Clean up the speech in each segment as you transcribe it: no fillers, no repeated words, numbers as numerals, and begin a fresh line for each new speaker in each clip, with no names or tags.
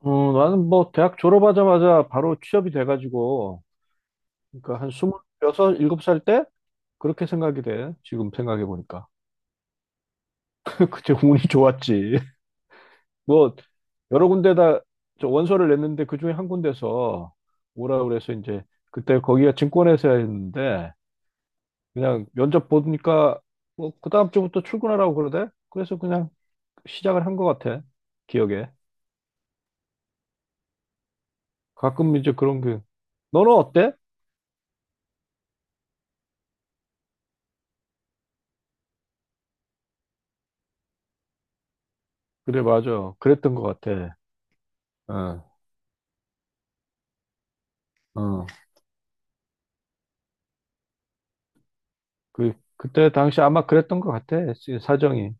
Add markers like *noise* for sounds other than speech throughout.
어, 나는 뭐 대학 졸업하자마자 바로 취업이 돼가지고 그러니까 한 스물여섯, 일곱 살 때 그렇게 생각이 돼. 지금 생각해 보니까 *laughs* 그때 운이 좋았지. *laughs* 뭐 여러 군데다 저 원서를 냈는데 그 중에 한 군데서 오라 그래서 이제 그때 거기가 증권회사였는데 그냥 면접 보니까 뭐 그 다음 주부터 출근하라고 그러대. 그래서 그냥 시작을 한 것 같아. 기억에. 가끔 이제 그런 게 너는 어때? 그래 맞아. 그랬던 것 같아. 어. 어. 그, 그때 당시 아마 그랬던 것 같아. 사정이.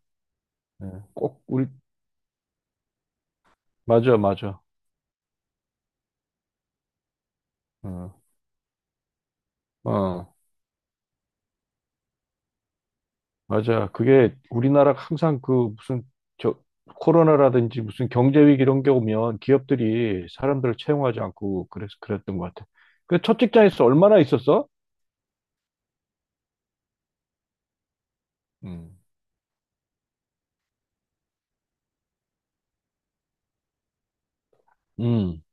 예, 꼭 우리, 맞아, 맞아. 어, 어, 맞아. 그게 우리나라가 항상 그 무슨 저 코로나라든지 무슨 경제위기 이런 게 오면 기업들이 사람들을 채용하지 않고 그래서 그랬던 것 같아. 그 첫 직장에서 얼마나 있었어? 음. 음.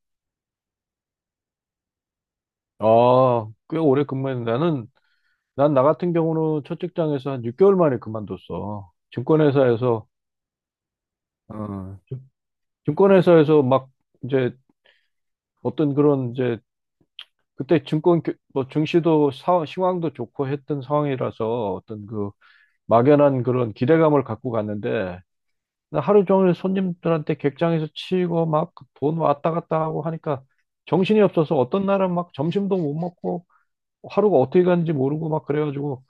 아, 꽤 오래 근무했는데 나는 난 나 같은 경우는 첫 직장에서 한 6개월 만에 그만뒀어. 증권회사에서 어, 증권회사에서 막 이제 어떤 그런 이제 그때 뭐 증시도 상황도 좋고 했던 상황이라서 어떤 그 막연한 그런 기대감을 갖고 갔는데 나 하루 종일 손님들한테 객장에서 치이고 막 돈 왔다 갔다 하고 하니까 정신이 없어서 어떤 날은 막 점심도 못 먹고 하루가 어떻게 갔는지 모르고 막 그래가지고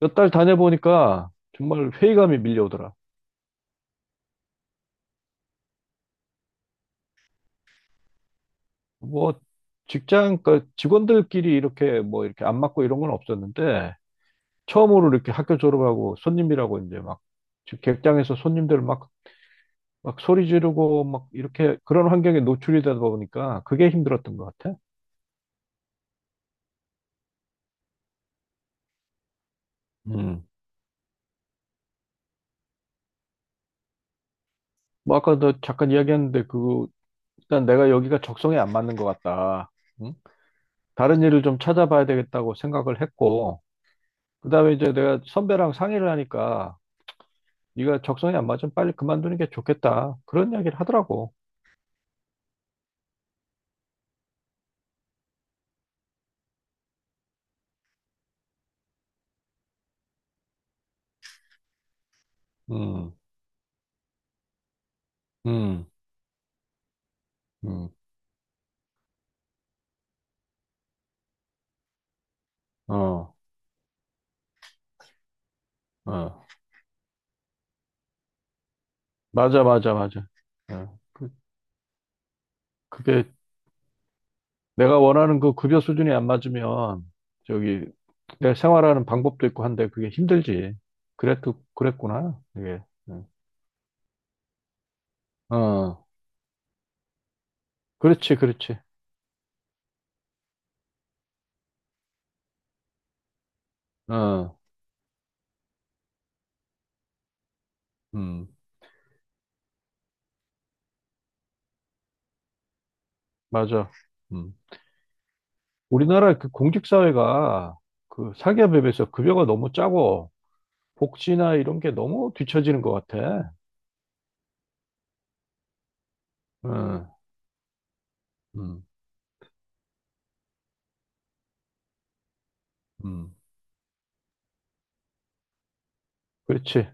몇 달 다녀보니까 정말 회의감이 밀려오더라. 뭐 직장 그 직원들끼리 이렇게 뭐 이렇게 안 맞고 이런 건 없었는데 처음으로 이렇게 학교 졸업하고 손님이라고 이제 막 객장에서 손님들 막, 막 소리 지르고 막 이렇게 그런 환경에 노출이 되다 보니까 그게 힘들었던 것 같아. 음. 뭐 아까 너 잠깐 이야기했는데 그 일단 내가 여기가 적성에 안 맞는 것 같다. 응? 다른 일을 좀 찾아봐야 되겠다고 생각을 했고 그다음에 이제 내가 선배랑 상의를 하니까 네가 적성에 안 맞으면 빨리 그만두는 게 좋겠다. 그런 이야기를 하더라고. 음, 음, 음, 어, 어. 맞아, 맞아, 맞아. 어. 그게 내가 원하는 그 급여 수준이 안 맞으면 저기 내 생활하는 방법도 있고 한데 그게 힘들지. 그래도 그랬구나. 이게. 응. 어, 그렇지, 그렇지. 어, 음, 맞아. 음. 우리나라 그 공직사회가 그 사기업에 비해서 급여가 너무 짜고 복지나 이런 게 너무 뒤처지는 것 같아. 응, 음, 음. 그렇지,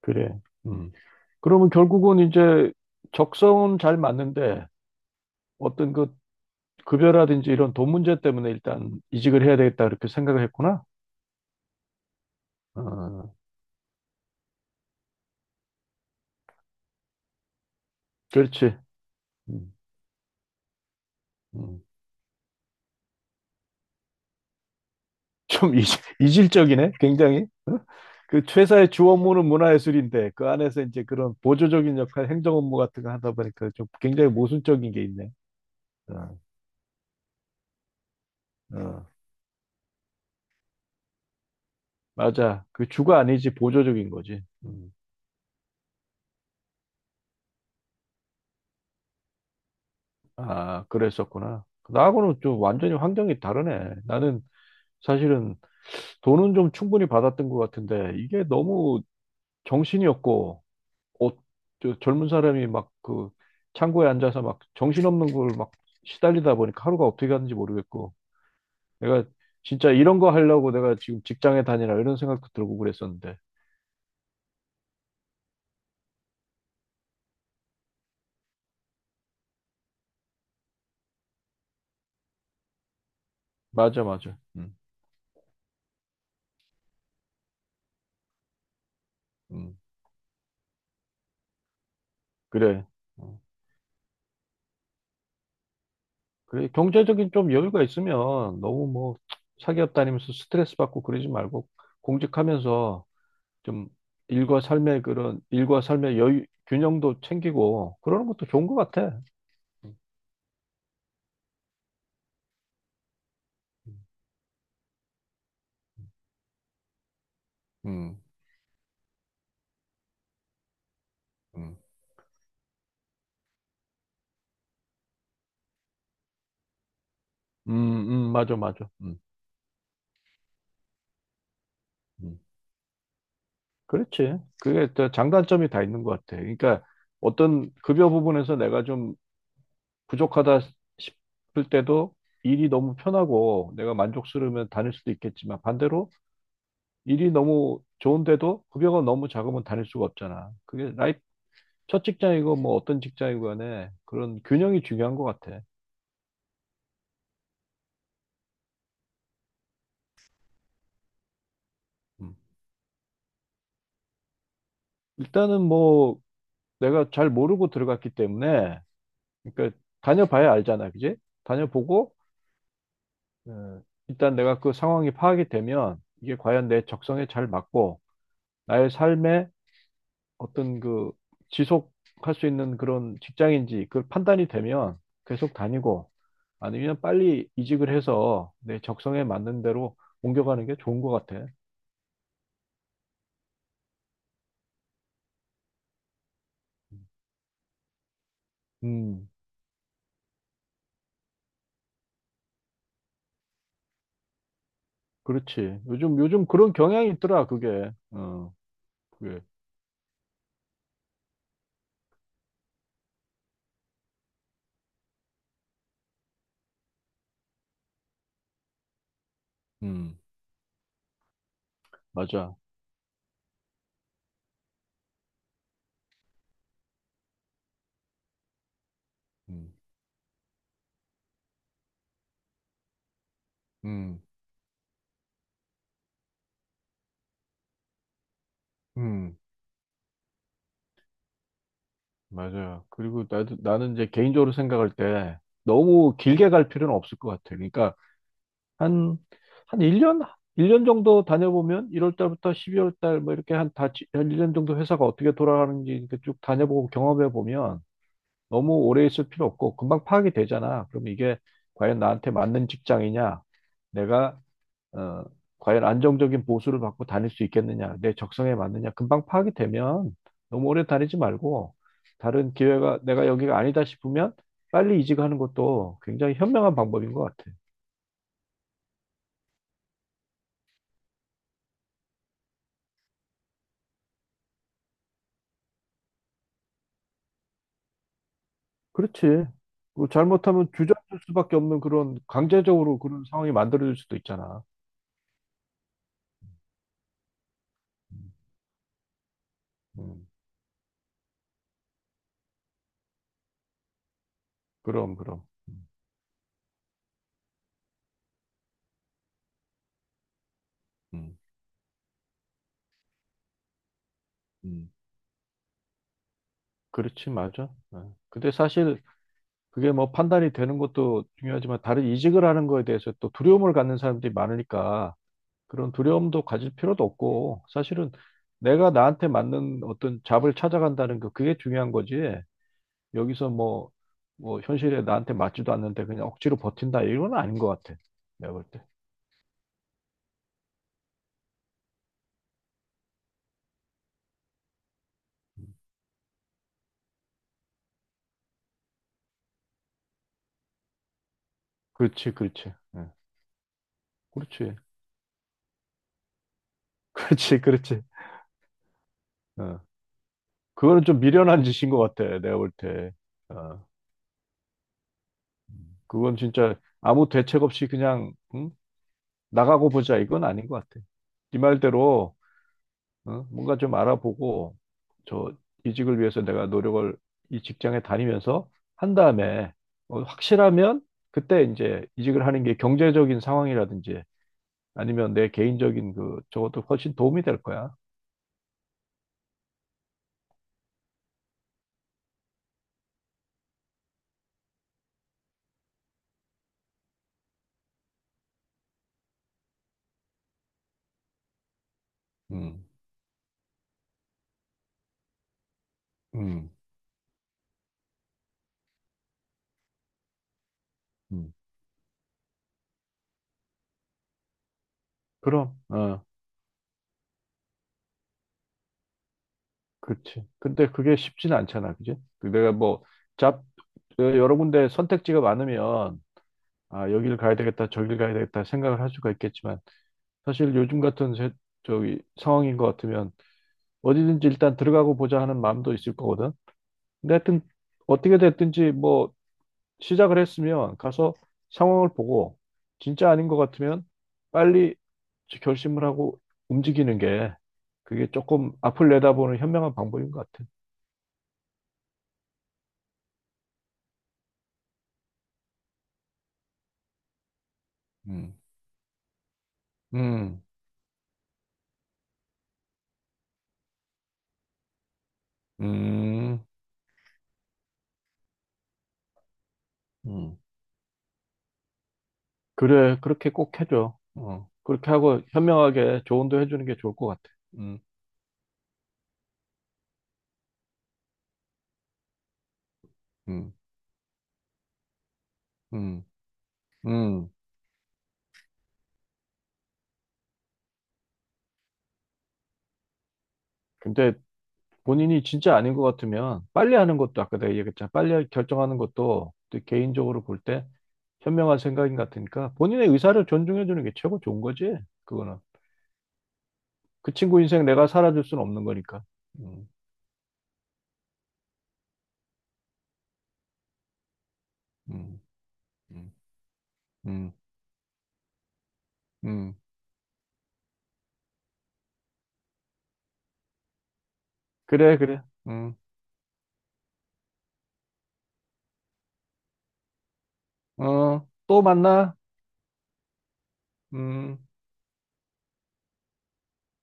그래. 음. 그러면 결국은 이제 적성은 잘 맞는데 어떤 그 급여라든지 이런 돈 문제 때문에 일단 이직을 해야 되겠다 그렇게 생각을 했구나. 어, 그렇지. 음, 음. 좀 이질적이네, 굉장히. 그 회사의 주 업무는 문화예술인데 그 안에서 이제 그런 보조적인 역할, 행정 업무 같은 거 하다 보니까 좀 굉장히 모순적인 게 있네. 어, 어. 맞아. 그 주가 아니지 보조적인 거지. 음. 아, 그랬었구나. 나하고는 좀 완전히 환경이 다르네. 나는 사실은 돈은 좀 충분히 받았던 것 같은데 이게 너무 정신이 없고 어, 저 젊은 사람이 막 그 창고에 앉아서 막 정신없는 걸 막 시달리다 보니까 하루가 어떻게 갔는지 모르겠고 내가 진짜 이런 거 하려고 내가 지금 직장에 다니라 이런 생각도 들고 그랬었는데 맞아 맞아 음, 그래 어, 그래 경제적인 좀 여유가 있으면 너무 뭐 사기업 다니면서 스트레스 받고 그러지 말고 공직하면서 좀 일과 삶의 그런 일과 삶의 여유 균형도 챙기고 그러는 것도 좋은 것 같아. 음, 음. 음. 음, 맞아, 맞아. 음. 그렇지. 그게 또 장단점이 다 있는 것 같아. 그러니까 어떤 급여 부분에서 내가 좀 부족하다 싶을 때도 일이 너무 편하고 내가 만족스러우면 다닐 수도 있겠지만 반대로 일이 너무 좋은데도 급여가 너무 작으면 다닐 수가 없잖아. 그게 라이프, 첫 직장이고 뭐 어떤 직장이고 간에 그런 균형이 중요한 것 같아. 음. 일단은 뭐 내가 잘 모르고 들어갔기 때문에 그러니까 다녀봐야 알잖아. 그지? 다녀보고 네. 일단 내가 그 상황이 파악이 되면 이게 과연 내 적성에 잘 맞고 나의 삶에 어떤 그 지속할 수 있는 그런 직장인지 그 판단이 되면 계속 다니고 아니면 빨리 이직을 해서 내 적성에 맞는 대로 옮겨가는 게 좋은 것 같아. 음, 그렇지. 요즘, 요즘 그런 경향이 있더라, 그게. 어, 그게. 음, 맞아. 음, 음, 음. 맞아요. 그리고 나도, 나는 이제 개인적으로 생각할 때 너무 길게 갈 필요는 없을 것 같아요. 그러니까 한, 한 1년? 일 년 정도 다녀보면 1월 달부터 12월 달 뭐 이렇게 한 1년 정도 회사가 어떻게 돌아가는지 이렇게 쭉 다녀보고 경험해 보면 너무 오래 있을 필요 없고 금방 파악이 되잖아. 그럼 이게 과연 나한테 맞는 직장이냐? 내가 어, 과연 안정적인 보수를 받고 다닐 수 있겠느냐, 내 적성에 맞느냐, 금방 파악이 되면 너무 오래 다니지 말고 다른 기회가 내가 여기가 아니다 싶으면 빨리 이직하는 것도 굉장히 현명한 방법인 것 같아. 그렇지. 그리고 잘못하면 주저앉을 수밖에 없는 그런 강제적으로 그런 상황이 만들어질 수도 있잖아. 음, 음, 그럼, 그럼. 음, 음. 그렇지, 맞아. 어. 근데 사실 그게 뭐 판단이 되는 것도 중요하지만 다른 이직을 하는 거에 대해서 또 두려움을 갖는 사람들이 많으니까 그런 두려움도 가질 필요도 없고 사실은 내가 나한테 맞는 어떤 잡을 찾아간다는 거 그게 중요한 거지. 여기서 뭐, 뭐 현실에 나한테 맞지도 않는데 그냥 억지로 버틴다 이건 아닌 것 같아. 내가 볼 때. 그렇지, 그렇지. 예. 그렇지, *laughs* 그렇지, 그렇지. 어. 그거는 좀 미련한 짓인 것 같아. 내가 볼 때. 어. 그건 진짜 아무 대책 없이 그냥 응? 나가고 보자 이건 아닌 것 같아. 네 말대로 어? 뭔가 좀 알아보고 저 이직을 위해서 내가 노력을 이 직장에 다니면서 한 다음에 어, 확실하면 그때 이제 이직을 하는 게 경제적인 상황이라든지 아니면 내 개인적인 그 저것도 훨씬 도움이 될 거야. 음, 음, 음. 그럼, 어, 그렇지. 근데 그게 쉽지는 않잖아, 그지? 그 내가 뭐, 잡, 어, 여러 군데 선택지가 많으면, 아, 여길 가야 되겠다, 저길 가야 되겠다 생각을 할 수가 있겠지만, 사실 요즘 같은 저기 상황인 것 같으면 어디든지 일단 들어가고 보자 하는 마음도 있을 거거든. 근데 하여튼 어떻게 됐든지 뭐 시작을 했으면 가서 상황을 보고 진짜 아닌 것 같으면 빨리 결심을 하고 움직이는 게 그게 조금 앞을 내다보는 현명한 방법인 것 같아. 음, 음, 음, 음. 그래, 그렇게 꼭 해줘. 어, 그렇게 하고 현명하게 조언도 해주는 게 좋을 것 같아. 음, 음, 음, 음. 근데 본인이 진짜 아닌 것 같으면 빨리 하는 것도 아까 내가 얘기했잖아. 빨리 결정하는 것도 또 개인적으로 볼 때 현명한 생각인 것 같으니까 본인의 의사를 존중해 주는 게 최고 좋은 거지. 그거는. 그 친구 인생 내가 살아줄 수는 없는 거니까. 음, 음, 음, 음, 음. 그래, 그래. 음, 어, 또 만나. 음.